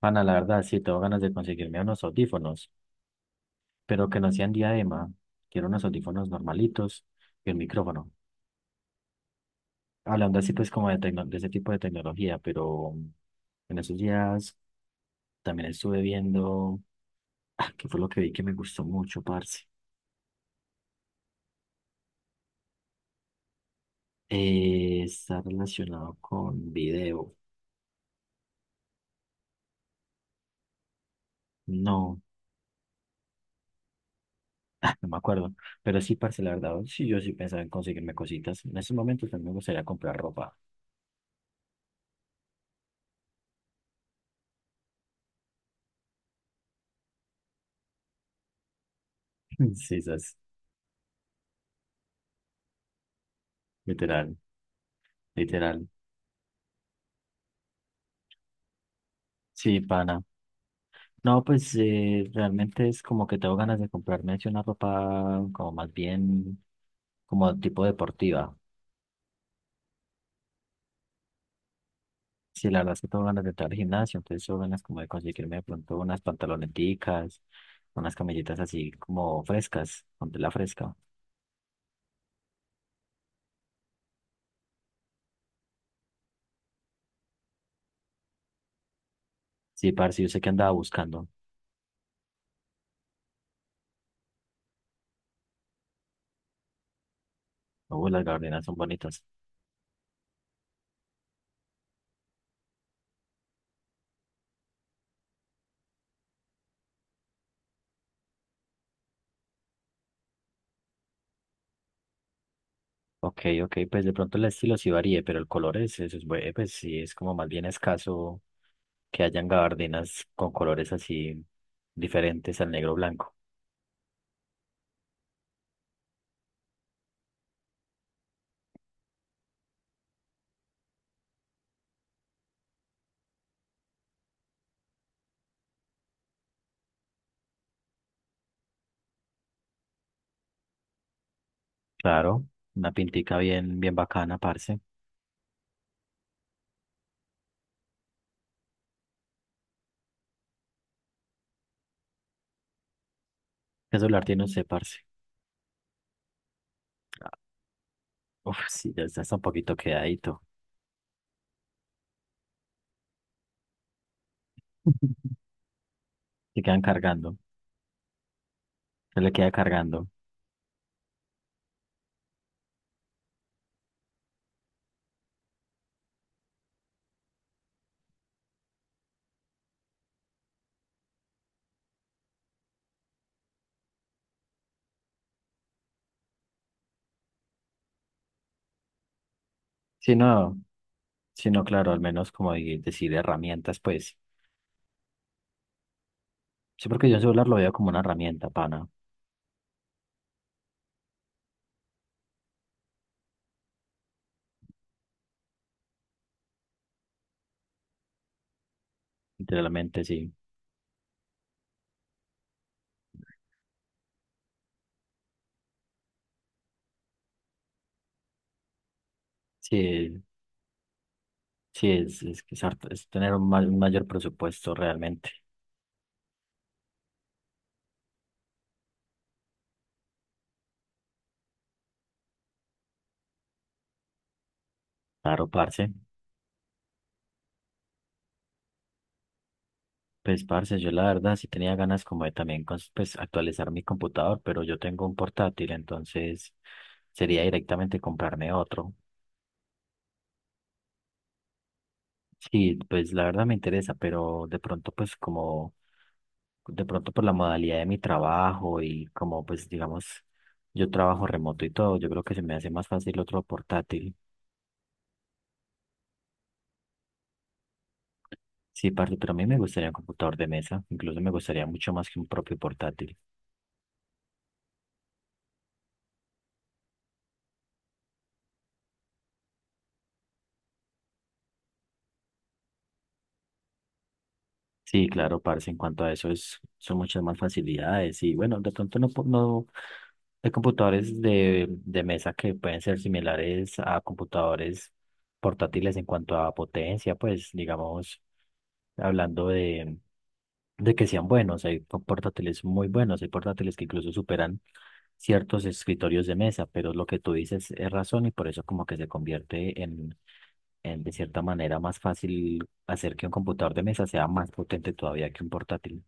Ana, la verdad, sí, tengo ganas de conseguirme unos audífonos, pero que no sean diadema. Quiero unos audífonos normalitos y un micrófono. Hablando así, pues, como de, de ese tipo de tecnología, pero en esos días también estuve viendo, que fue lo que vi que me gustó mucho, parce. Está relacionado con video. No, no me acuerdo. Pero sí, parce, la verdad, sí, yo sí pensaba en conseguirme cositas. En esos momentos también me gustaría comprar ropa. Sí, esas, literal, literal. Sí, pana. No, pues realmente es como que tengo ganas de comprarme así una ropa como más bien como tipo deportiva. Sí, la verdad es que tengo ganas de entrar al gimnasio, entonces tengo ganas como de conseguirme de pronto unas pantaloneticas, unas camisetas así como frescas, con tela fresca. Sí, parce, yo sé que andaba buscando. Uy, las gabardinas son bonitas. Ok, ok, pues de pronto el estilo sí varíe, pero el color es, eso es, pues sí, es como más bien escaso que hayan gabardinas con colores así diferentes al negro blanco. Claro, una pintica bien, bien bacana, parce. ¿Qué celular tiene usted, parce? Uf, sí, ya está, está un poquito quedadito. Se quedan cargando, se le queda cargando. Si no, si no, claro, al menos como decir herramientas, pues. Sí, porque yo el celular lo veo como una herramienta, pana. Literalmente, sí. Sí, sí, es, que es es tener un, un mayor presupuesto realmente. Claro, parce. Pues, parce, yo la verdad sí tenía ganas como de también pues, actualizar mi computador, pero yo tengo un portátil, entonces sería directamente comprarme otro. Sí, pues la verdad me interesa, pero de pronto pues como, de pronto por la modalidad de mi trabajo y como pues digamos, yo trabajo remoto y todo, yo creo que se me hace más fácil otro portátil. Sí, parce, pero a mí me gustaría un computador de mesa, incluso me gustaría mucho más que un propio portátil. Sí, claro, parce, en cuanto a eso es, son muchas más facilidades y bueno, de pronto no, no hay computadores de mesa que pueden ser similares a computadores portátiles en cuanto a potencia, pues digamos, hablando de que sean buenos, hay portátiles muy buenos, hay portátiles que incluso superan ciertos escritorios de mesa, pero lo que tú dices es razón y por eso como que se convierte en de cierta manera más fácil hacer que un computador de mesa sea más potente todavía que un portátil.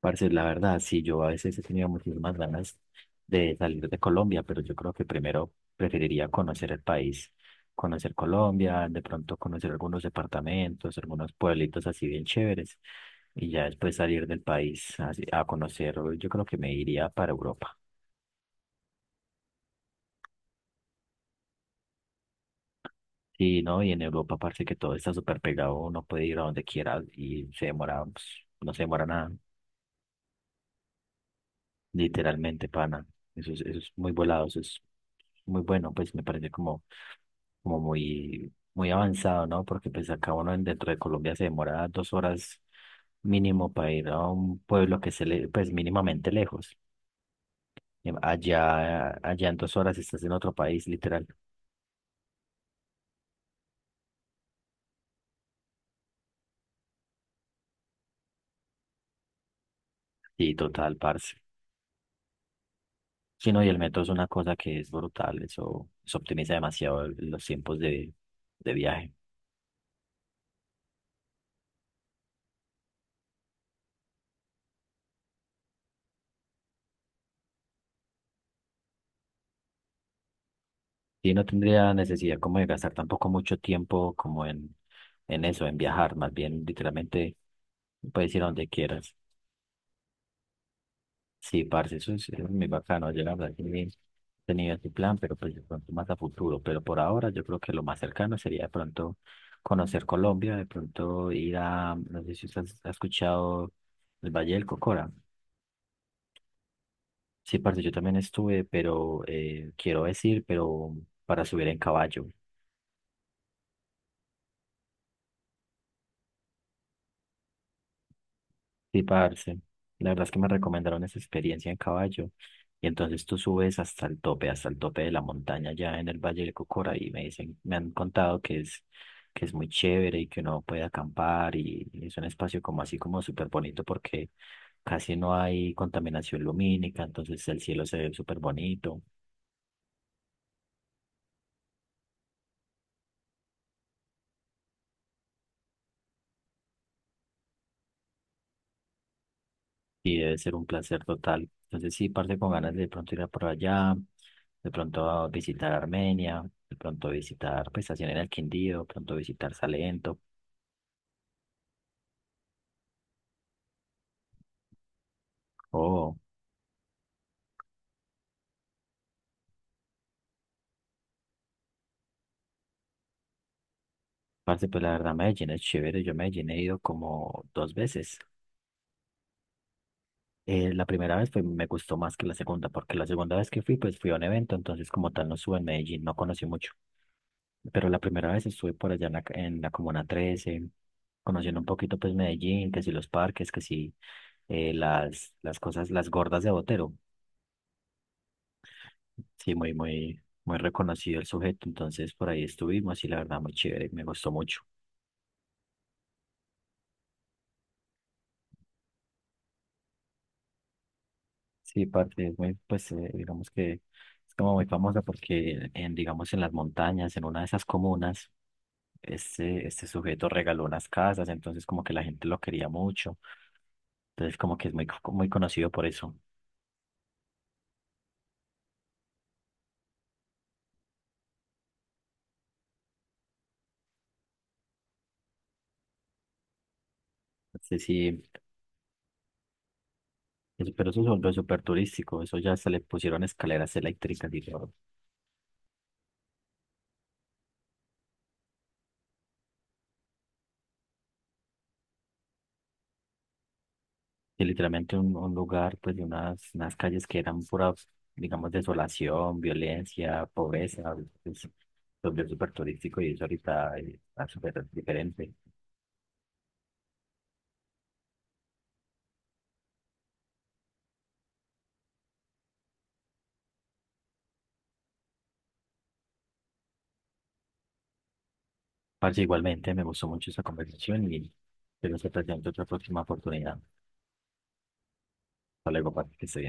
Parce, la verdad, sí, yo a veces he tenido muchísimas ganas de salir de Colombia, pero yo creo que primero preferiría conocer el país, conocer Colombia, de pronto conocer algunos departamentos, algunos pueblitos así bien chéveres, y ya después salir del país a conocer, yo creo que me iría para Europa. Sí, ¿no? Y en Europa parece que todo está súper pegado, uno puede ir a donde quiera y se demora, pues, no se demora nada, literalmente, pana. Eso es muy volado, eso es muy bueno, pues me parece como, como muy, muy avanzado, ¿no? Porque pues acá uno dentro de Colombia se demora 2 horas mínimo para ir a un pueblo que se le, pues mínimamente lejos. Allá, allá en 2 horas estás en otro país, literal. Sí, total, parce. Sí, no, y el metro es una cosa que es brutal, eso optimiza demasiado los tiempos de viaje. Y no tendría necesidad como de gastar tampoco mucho tiempo como en eso, en viajar, más bien literalmente puedes ir a donde quieras. Sí, parce, eso es muy bacano, yo la verdad que ni he tenido ese plan, pero pues de pronto más a futuro, pero por ahora yo creo que lo más cercano sería de pronto conocer Colombia, de pronto ir a, no sé si usted ha escuchado el Valle del Cocora. Sí, parce, yo también estuve, pero quiero decir, pero para subir en caballo. Sí, parce, la verdad es que me recomendaron esa experiencia en caballo. Y entonces tú subes hasta el tope de la montaña, ya en el Valle del Cocora, y me dicen, me han contado que es muy chévere y que uno puede acampar y es un espacio como así como súper bonito porque casi no hay contaminación lumínica, entonces el cielo se ve súper bonito. Y debe ser un placer total. Entonces sí, parte con ganas de pronto ir a por allá, de pronto a visitar Armenia, de pronto visitar pues estación en el Quindío, de pronto visitar Salento. Oh, parte pues la verdad Medellín es chévere. Yo a Medellín he ido como dos veces. La primera vez me gustó más que la segunda, porque la segunda vez que fui, pues fui a un evento, entonces como tal no estuve en Medellín, no conocí mucho. Pero la primera vez estuve por allá en la Comuna 13 conociendo un poquito pues Medellín, que si los parques, que si las cosas, las gordas de Botero. Sí, muy, muy, muy reconocido el sujeto, entonces por ahí estuvimos y la verdad muy chévere, me gustó mucho. Sí, parte, es muy, pues digamos que es como muy famosa porque en, digamos, en las montañas, en una de esas comunas, este sujeto regaló unas casas, entonces como que la gente lo quería mucho, entonces como que es muy, muy conocido por eso. Sí, sí, eso- pero eso es súper turístico, eso ya se le pusieron escaleras eléctricas y todo. Que literalmente un lugar, pues de unas, unas calles que eran pura, digamos, desolación, violencia, pobreza, pues, lo vio súper turístico y eso ahorita está súper diferente. Parce, igualmente me gustó mucho esa conversación y espero que se presente otra próxima oportunidad. Hasta luego, parce, que esté bien.